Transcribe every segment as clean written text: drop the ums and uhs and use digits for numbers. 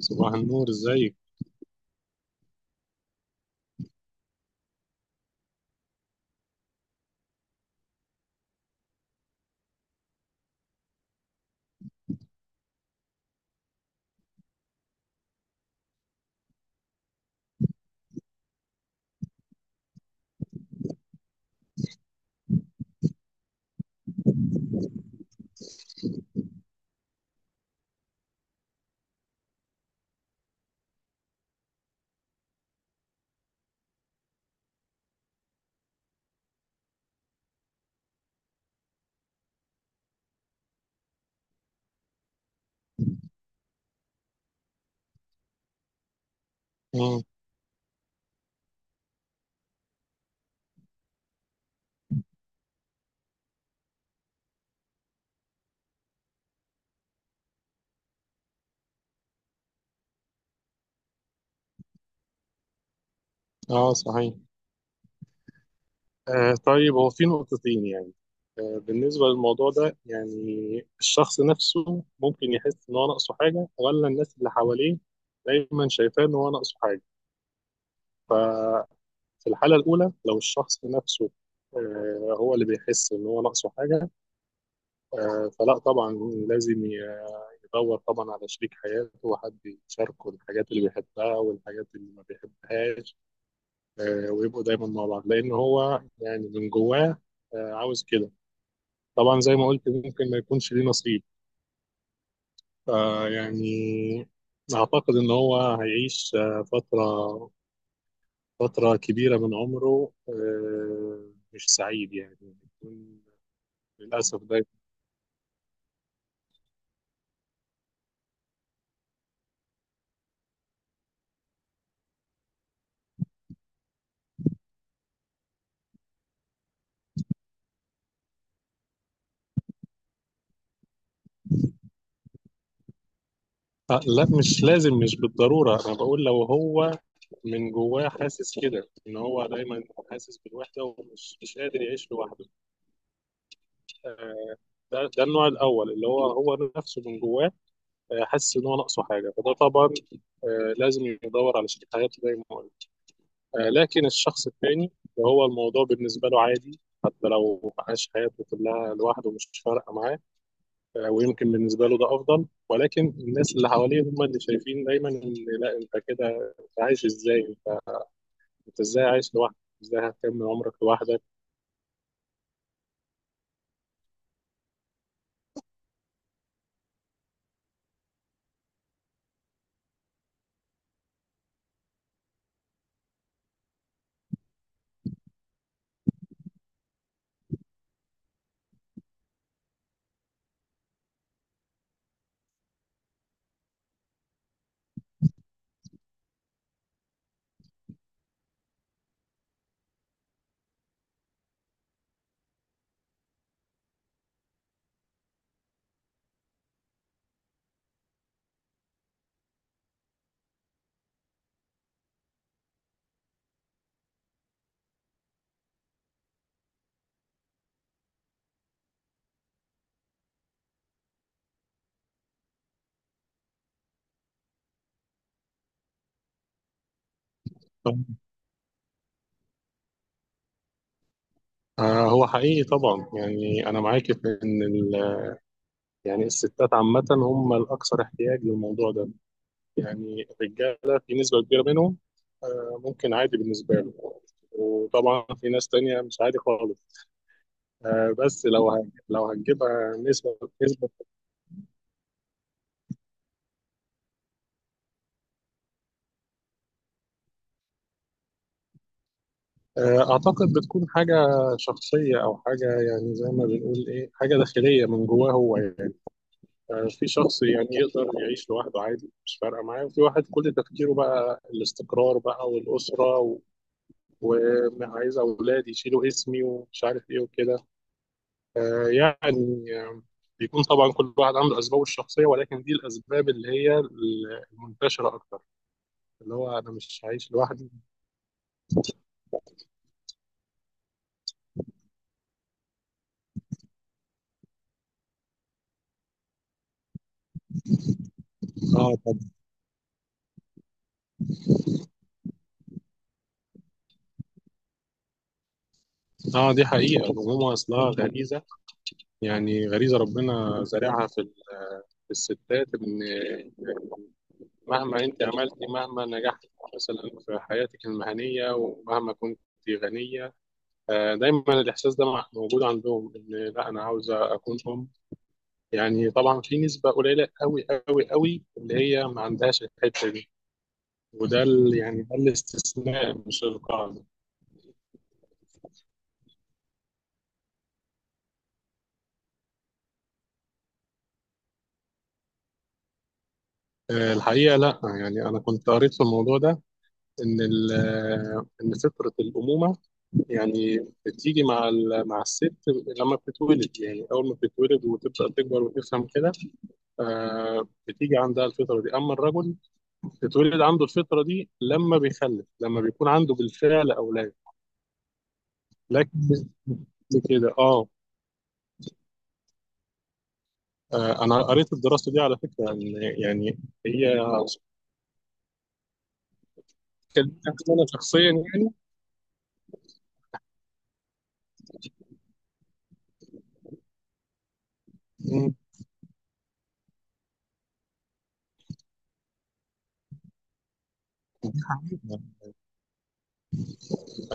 صباح النور، ازيك؟ مم. اه، صحيح. طيب، هو في نقطتين يعني. بالنسبة للموضوع ده، يعني الشخص نفسه ممكن يحس ان هو ناقصه حاجة، ولا الناس اللي حواليه دايما شايفاه ان هو ناقصه حاجة؟ ففي الحالة الأولى، لو الشخص نفسه هو اللي بيحس ان هو ناقصه حاجة، فلا طبعا، لازم يدور طبعا على شريك حياته، وحد يشاركه الحاجات اللي بيحبها والحاجات اللي ما بيحبهاش. ويبقوا دايما مع بعض، لان هو يعني من جواه عاوز كده. طبعا زي ما قلت، ممكن ما يكونش ليه نصيب، فيعني اعتقد ان هو هيعيش فتره، فتره كبيره من عمره مش سعيد، يعني يكون للاسف ده. لا، مش لازم، مش بالضروره. انا بقول لو هو من جواه حاسس كده ان هو دايما حاسس بالوحده ومش مش قادر يعيش لوحده، ده النوع الاول، اللي هو هو نفسه من جواه حاسس ان هو ناقصه حاجه، فده طبعا لازم يدور على شريك حياته زي ما قلت. لكن الشخص الثاني، اللي هو الموضوع بالنسبه له عادي، حتى لو عاش حياته كلها لوحده مش فارقه معاه. ويمكن بالنسبه له ده افضل، ولكن الناس اللي حواليه هم اللي شايفين دايما ان لا، انت كده انت عايش ازاي، انت ازاي عايش لوحدك، ازاي هتكمل عمرك لوحدك. هو حقيقي طبعا. يعني انا معاك في ان يعني الستات عامه هم الاكثر احتياج للموضوع ده. يعني الرجالة في نسبة كبيرة منهم ممكن عادي بالنسبة له، وطبعا في ناس تانية مش عادي خالص. بس لو لو هنجيبها نسبة نسبة، أعتقد بتكون حاجة شخصية، أو حاجة يعني زي ما بنقول إيه، حاجة داخلية من جواه هو. يعني في شخص يعني يقدر يعيش لوحده عادي، مش فارقة معاه، وفي واحد كل تفكيره بقى الاستقرار بقى والأسرة وعايز أولاد يشيلوا اسمي ومش عارف إيه وكده. يعني بيكون طبعا كل واحد عنده اسبابه الشخصيه، ولكن دي الاسباب اللي هي المنتشره اكتر، اللي هو انا مش عايش لوحدي. اه. طب اه، دي حقيقه. الامومه اصلها غريزه، يعني غريزه ربنا زارعها في في الستات. ان مهما انت عملتي، مهما نجحتي مثلا في حياتك المهنيه، ومهما كنت غنيه، دايما الاحساس ده موجود عندهم، ان لا، انا عاوزه اكون ام. يعني طبعا في نسبة قليلة قوي قوي قوي اللي هي ما عندهاش الحتة دي، وده يعني ده الاستثناء مش القاعدة. الحقيقة لا. يعني أنا كنت قريت في الموضوع ده إن إن فطرة الأمومة يعني بتيجي مع مع الست لما بتتولد، يعني أول ما بتتولد وتبدأ تكبر وتفهم كده، بتيجي عندها الفطرة دي. أما الرجل، بتتولد عنده الفطرة دي لما بيخلف، لما بيكون عنده بالفعل أولاد. لكن كده اه. انا قريت الدراسه دي على فكره، ان يعني هي كلمة، انا شخصيا يعني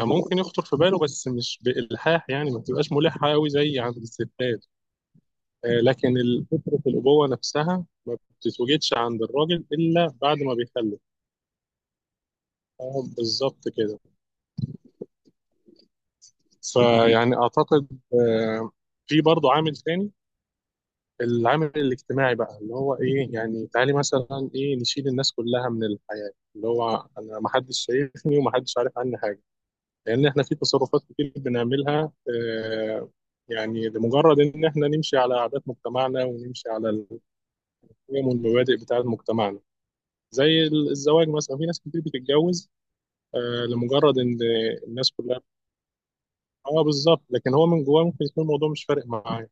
ممكن يخطر في باله، بس مش بالحاح، يعني ما بتبقاش ملحه قوي زي عند الستات. لكن فكره الابوه نفسها ما بتتوجدش عند الراجل الا بعد ما بيخلف. بالظبط كده. فيعني اعتقد آه، في برضه عامل تاني، العامل الاجتماعي بقى، اللي هو ايه يعني؟ تعالي مثلا ايه، نشيل الناس كلها من الحياة، اللي هو انا ما حدش شايفني وما حدش عارف عني حاجة، لان احنا في تصرفات كتير بنعملها آه يعني لمجرد ان احنا نمشي على عادات مجتمعنا ونمشي على القيم والمبادئ بتاعت مجتمعنا. زي الزواج مثلا، في ناس كتير بتتجوز لمجرد ان الناس كلها. اه بالظبط، لكن هو من جواه ممكن يكون الموضوع مش فارق معاه.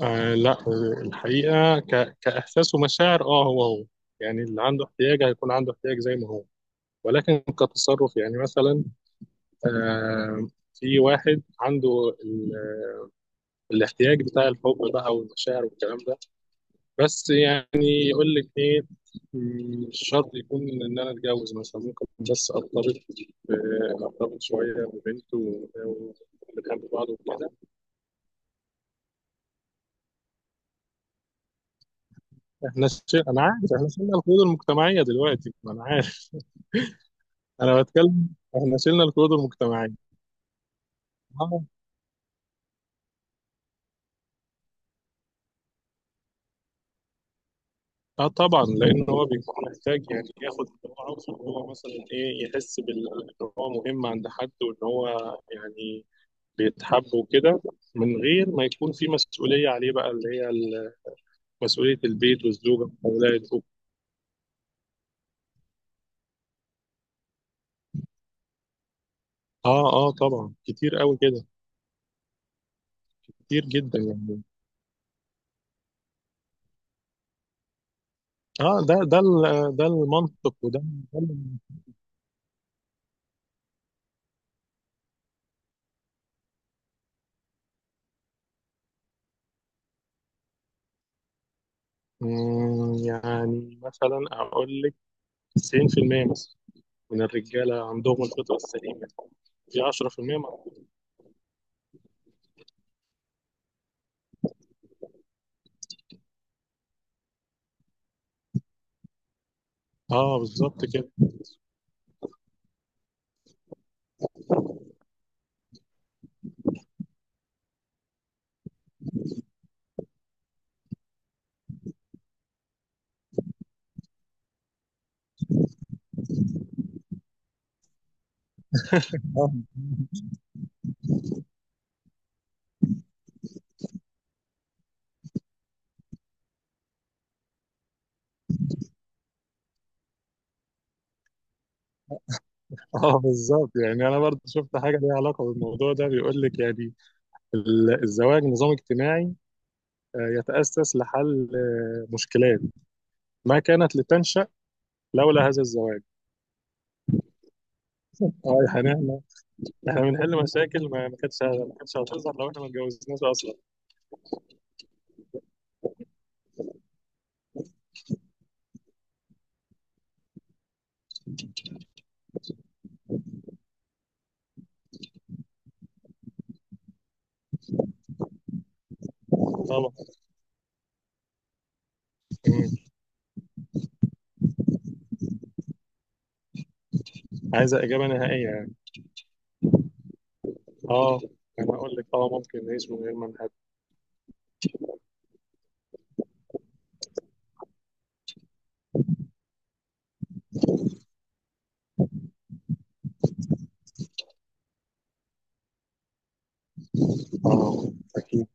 لا، الحقيقة كإحساس ومشاعر، اه، هو هو. يعني اللي عنده احتياج هيكون عنده احتياج زي ما هو، ولكن كتصرف يعني مثلا، آه في واحد عنده الاحتياج بتاع الحب بقى والمشاعر والكلام ده، بس يعني يقول لك ايه، مش شرط يكون ان انا اتجوز مثلا، ممكن بس ارتبط، ارتبط شويه ببنت ونحب بعض وكده. احنا ش... انا عارف، احنا شلنا القيود المجتمعيه دلوقتي، ما انا عارف. انا بتكلم، احنا شلنا القيود المجتمعيه. اه. طبعا لان هو بيكون محتاج، يعني ياخد اللي هو عاوزه، إن هو مثلا ايه، يحس بال ان هو مهم عند حد، وان هو يعني بيتحب وكده، من غير ما يكون في مسؤوليه عليه بقى، اللي هي مسؤوليه البيت والزوجه والاولاد. اه طبعا، كتير قوي كده، كتير جدا يعني. اه ده ده المنطق، وده ده يعني مثلا اقول لك 90% مثلا من الرجالة عندهم الفطرة السليمة، في 10% ما. اه بالظبط كده. اه بالظبط. يعني انا برضه شفت حاجة ليها علاقة بالموضوع ده، بيقول لك يعني الزواج نظام اجتماعي يتأسس لحل مشكلات ما كانت لتنشأ لولا هذا الزواج. اه يا حنان، احنا بنحل مشاكل ما كانتش هتظهر لو احنا ما اتجوزناش اصلا. طبعا. مم. عايزة إجابة نهائية يعني؟ اه. انا اقول لك اه، ممكن نعيش من غير ما نحب. اه، اكيد.